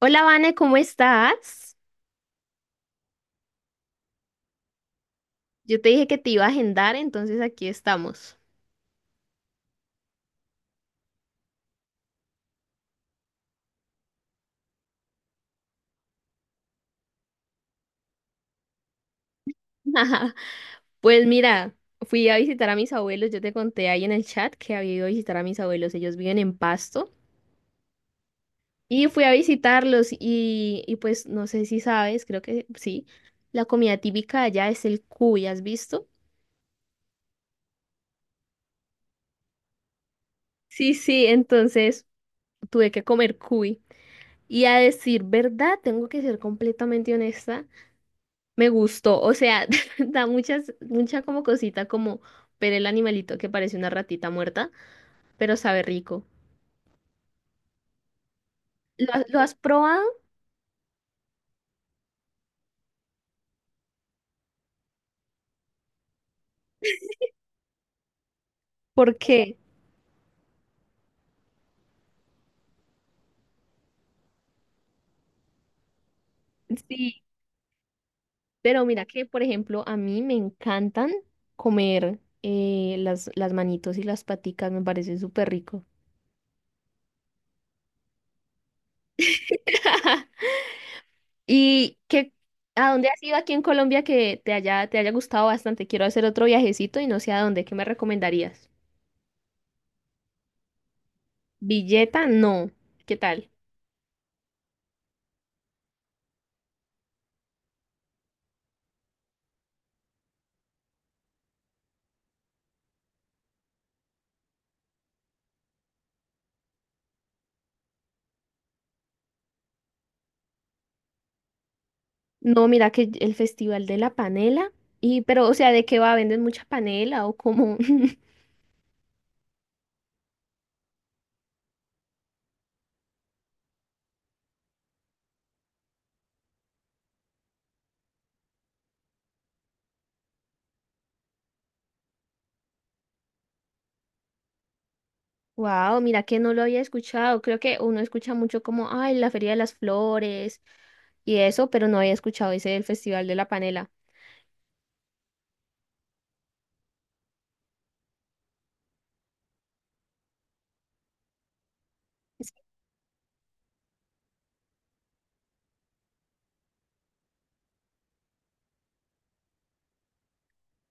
Hola, Vane, ¿cómo estás? Yo te dije que te iba a agendar, entonces aquí estamos. Pues mira, fui a visitar a mis abuelos, yo te conté ahí en el chat que había ido a visitar a mis abuelos, ellos viven en Pasto, y fui a visitarlos y pues no sé si sabes, creo que sí, la comida típica de allá es el cuy, ¿has visto? Sí, sí, entonces tuve que comer cuy. Y a decir verdad, tengo que ser completamente honesta. Me gustó, o sea, da muchas, mucha como cosita como ver el animalito que parece una ratita muerta, pero sabe rico. ¿Lo has probado? Porque sí, pero mira que, por ejemplo, a mí me encantan comer las manitos y las paticas, me parece súper rico. ¿Y qué, a dónde has ido aquí en Colombia que te te haya gustado bastante? Quiero hacer otro viajecito y no sé a dónde, ¿qué me recomendarías? Villeta, no. ¿Qué tal? No, mira que el Festival de la Panela. Y, pero, o sea, ¿de qué va? ¿Venden mucha panela o cómo? Wow, mira que no lo había escuchado. Creo que uno escucha mucho como, ay, la Feria de las Flores y eso, pero no había escuchado ese del Festival de la Panela.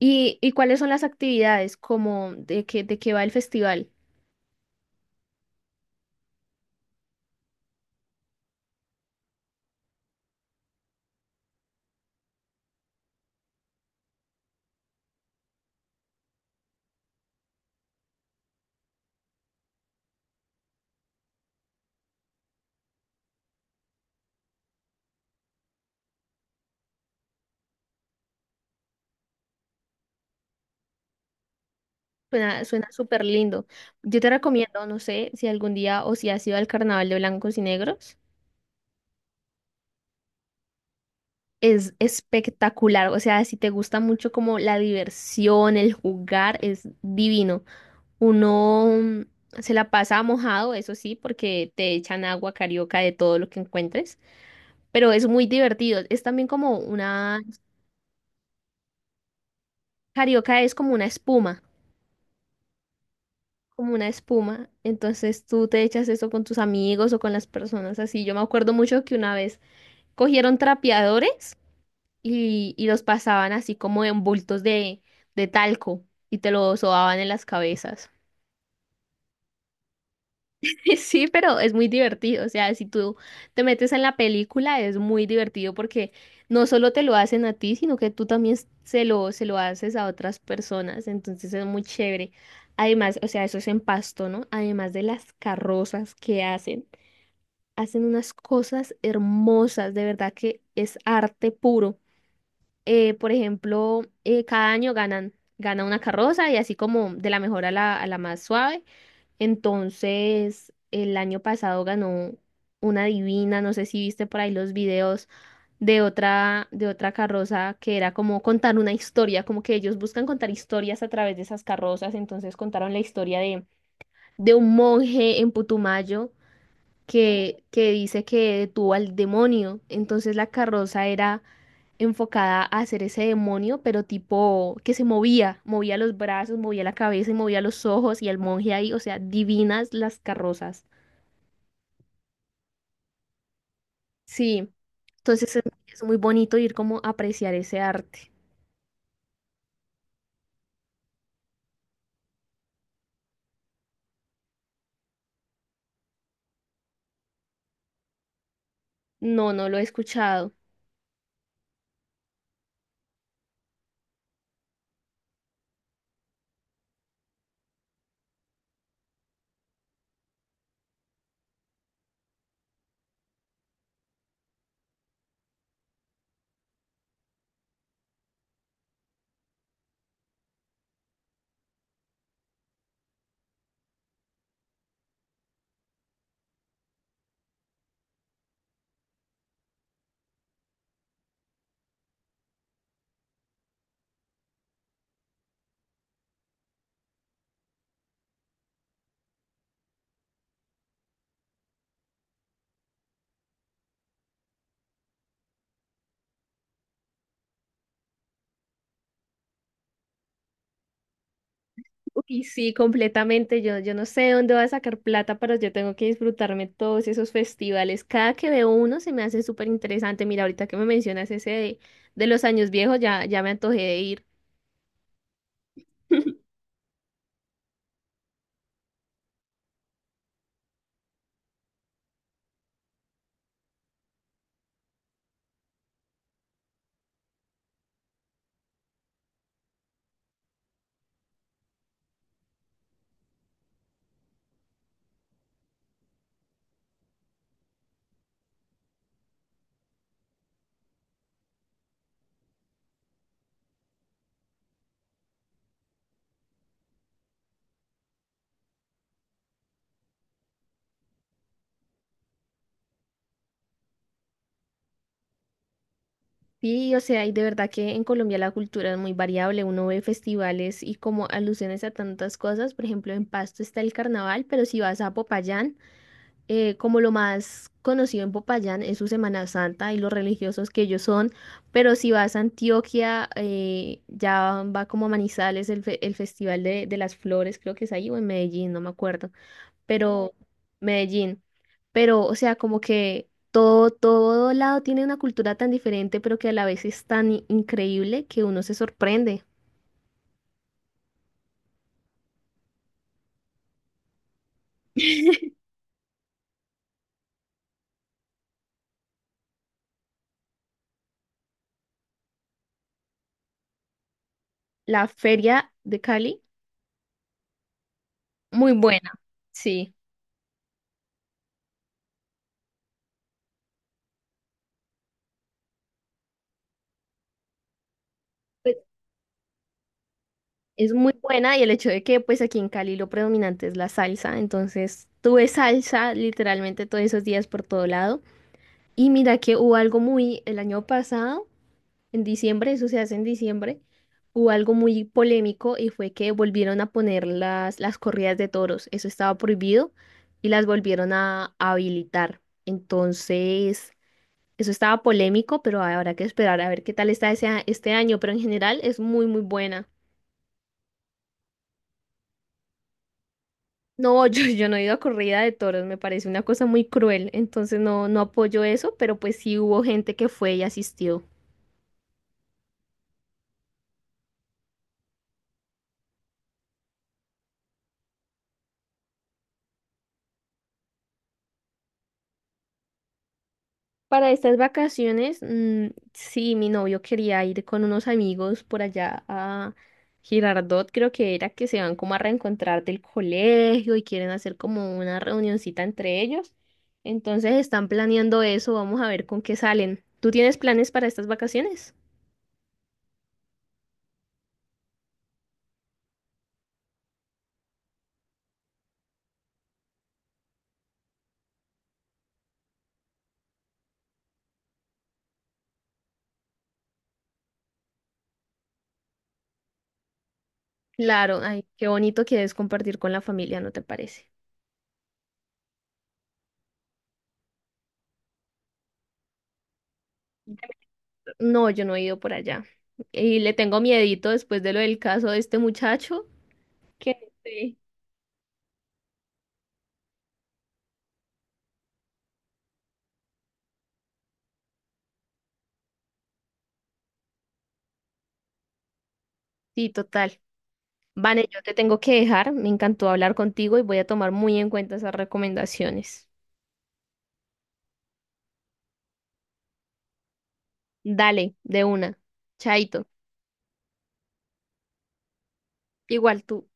Y cuáles son las actividades? Como de qué va el festival. Suena, suena súper lindo. Yo te recomiendo, no sé, si algún día o si has ido al Carnaval de Blancos y Negros. Es espectacular, o sea, si te gusta mucho como la diversión, el jugar, es divino. Uno se la pasa mojado, eso sí, porque te echan agua carioca de todo lo que encuentres, pero es muy divertido. Es también como una, carioca es como una espuma, como una espuma. Entonces tú te echas eso con tus amigos o con las personas así. Yo me acuerdo mucho que una vez cogieron trapeadores. Y los pasaban así como en bultos de talco y te lo sobaban en las cabezas. Sí, pero es muy divertido, o sea, si tú te metes en la película es muy divertido porque no solo te lo hacen a ti, sino que tú también se lo haces a otras personas, entonces es muy chévere. Además, o sea, eso es en Pasto, ¿no? Además de las carrozas que hacen, hacen unas cosas hermosas, de verdad que es arte puro. Por ejemplo, cada año gana una carroza y así como de la mejor a a la más suave. Entonces, el año pasado ganó una divina, no sé si viste por ahí los videos de de otra carroza que era como contar una historia, como que ellos buscan contar historias a través de esas carrozas. Entonces contaron la historia de un monje en Putumayo que dice que detuvo al demonio. Entonces la carroza era enfocada a hacer ese demonio, pero tipo que se movía, movía los brazos, movía la cabeza y movía los ojos y el monje ahí, o sea, divinas las carrozas. Sí, entonces es muy bonito ir como a apreciar ese arte. No, no lo he escuchado. Y sí, completamente. Yo no sé de dónde voy a sacar plata, pero yo tengo que disfrutarme todos esos festivales. Cada que veo uno se me hace súper interesante. Mira, ahorita que me mencionas ese de los años viejos, ya, ya me antojé de ir. Sí, o sea, y de verdad que en Colombia la cultura es muy variable, uno ve festivales y como alusiones a tantas cosas, por ejemplo, en Pasto está el carnaval, pero si vas a Popayán, como lo más conocido en Popayán es su Semana Santa y los religiosos que ellos son, pero si vas a Antioquia, ya va como a Manizales el Festival de las Flores, creo que es ahí, o en Medellín, no me acuerdo pero Medellín. Pero, o sea, como que todo, todo lado tiene una cultura tan diferente, pero que a la vez es tan increíble que uno se sorprende. La feria de Cali, muy buena, sí. Pues, es muy buena y el hecho de que pues aquí en Cali lo predominante es la salsa, entonces tuve salsa literalmente todos esos días por todo lado. Y mira que hubo algo muy el año pasado. En diciembre, eso se hace en diciembre, hubo algo muy polémico y fue que volvieron a poner las corridas de toros. Eso estaba prohibido y las volvieron a habilitar. Entonces, eso estaba polémico, pero habrá que esperar a ver qué tal está este año. Pero en general es muy, muy buena. No, yo no he ido a corrida de toros, me parece una cosa muy cruel, entonces no, no apoyo eso, pero pues sí hubo gente que fue y asistió. Para estas vacaciones, mm, sí, mi novio quería ir con unos amigos por allá a Girardot, creo que era que se van como a reencontrar del colegio y quieren hacer como una reunioncita entre ellos. Entonces están planeando eso, vamos a ver con qué salen. ¿Tú tienes planes para estas vacaciones? Claro, ay, qué bonito que es compartir con la familia, ¿no te parece? No, yo no he ido por allá. Y le tengo miedito después de lo del caso de este muchacho, que no sé. Sí, total. Vane, yo te tengo que dejar. Me encantó hablar contigo y voy a tomar muy en cuenta esas recomendaciones. Dale, de una. Chaito. Igual tú.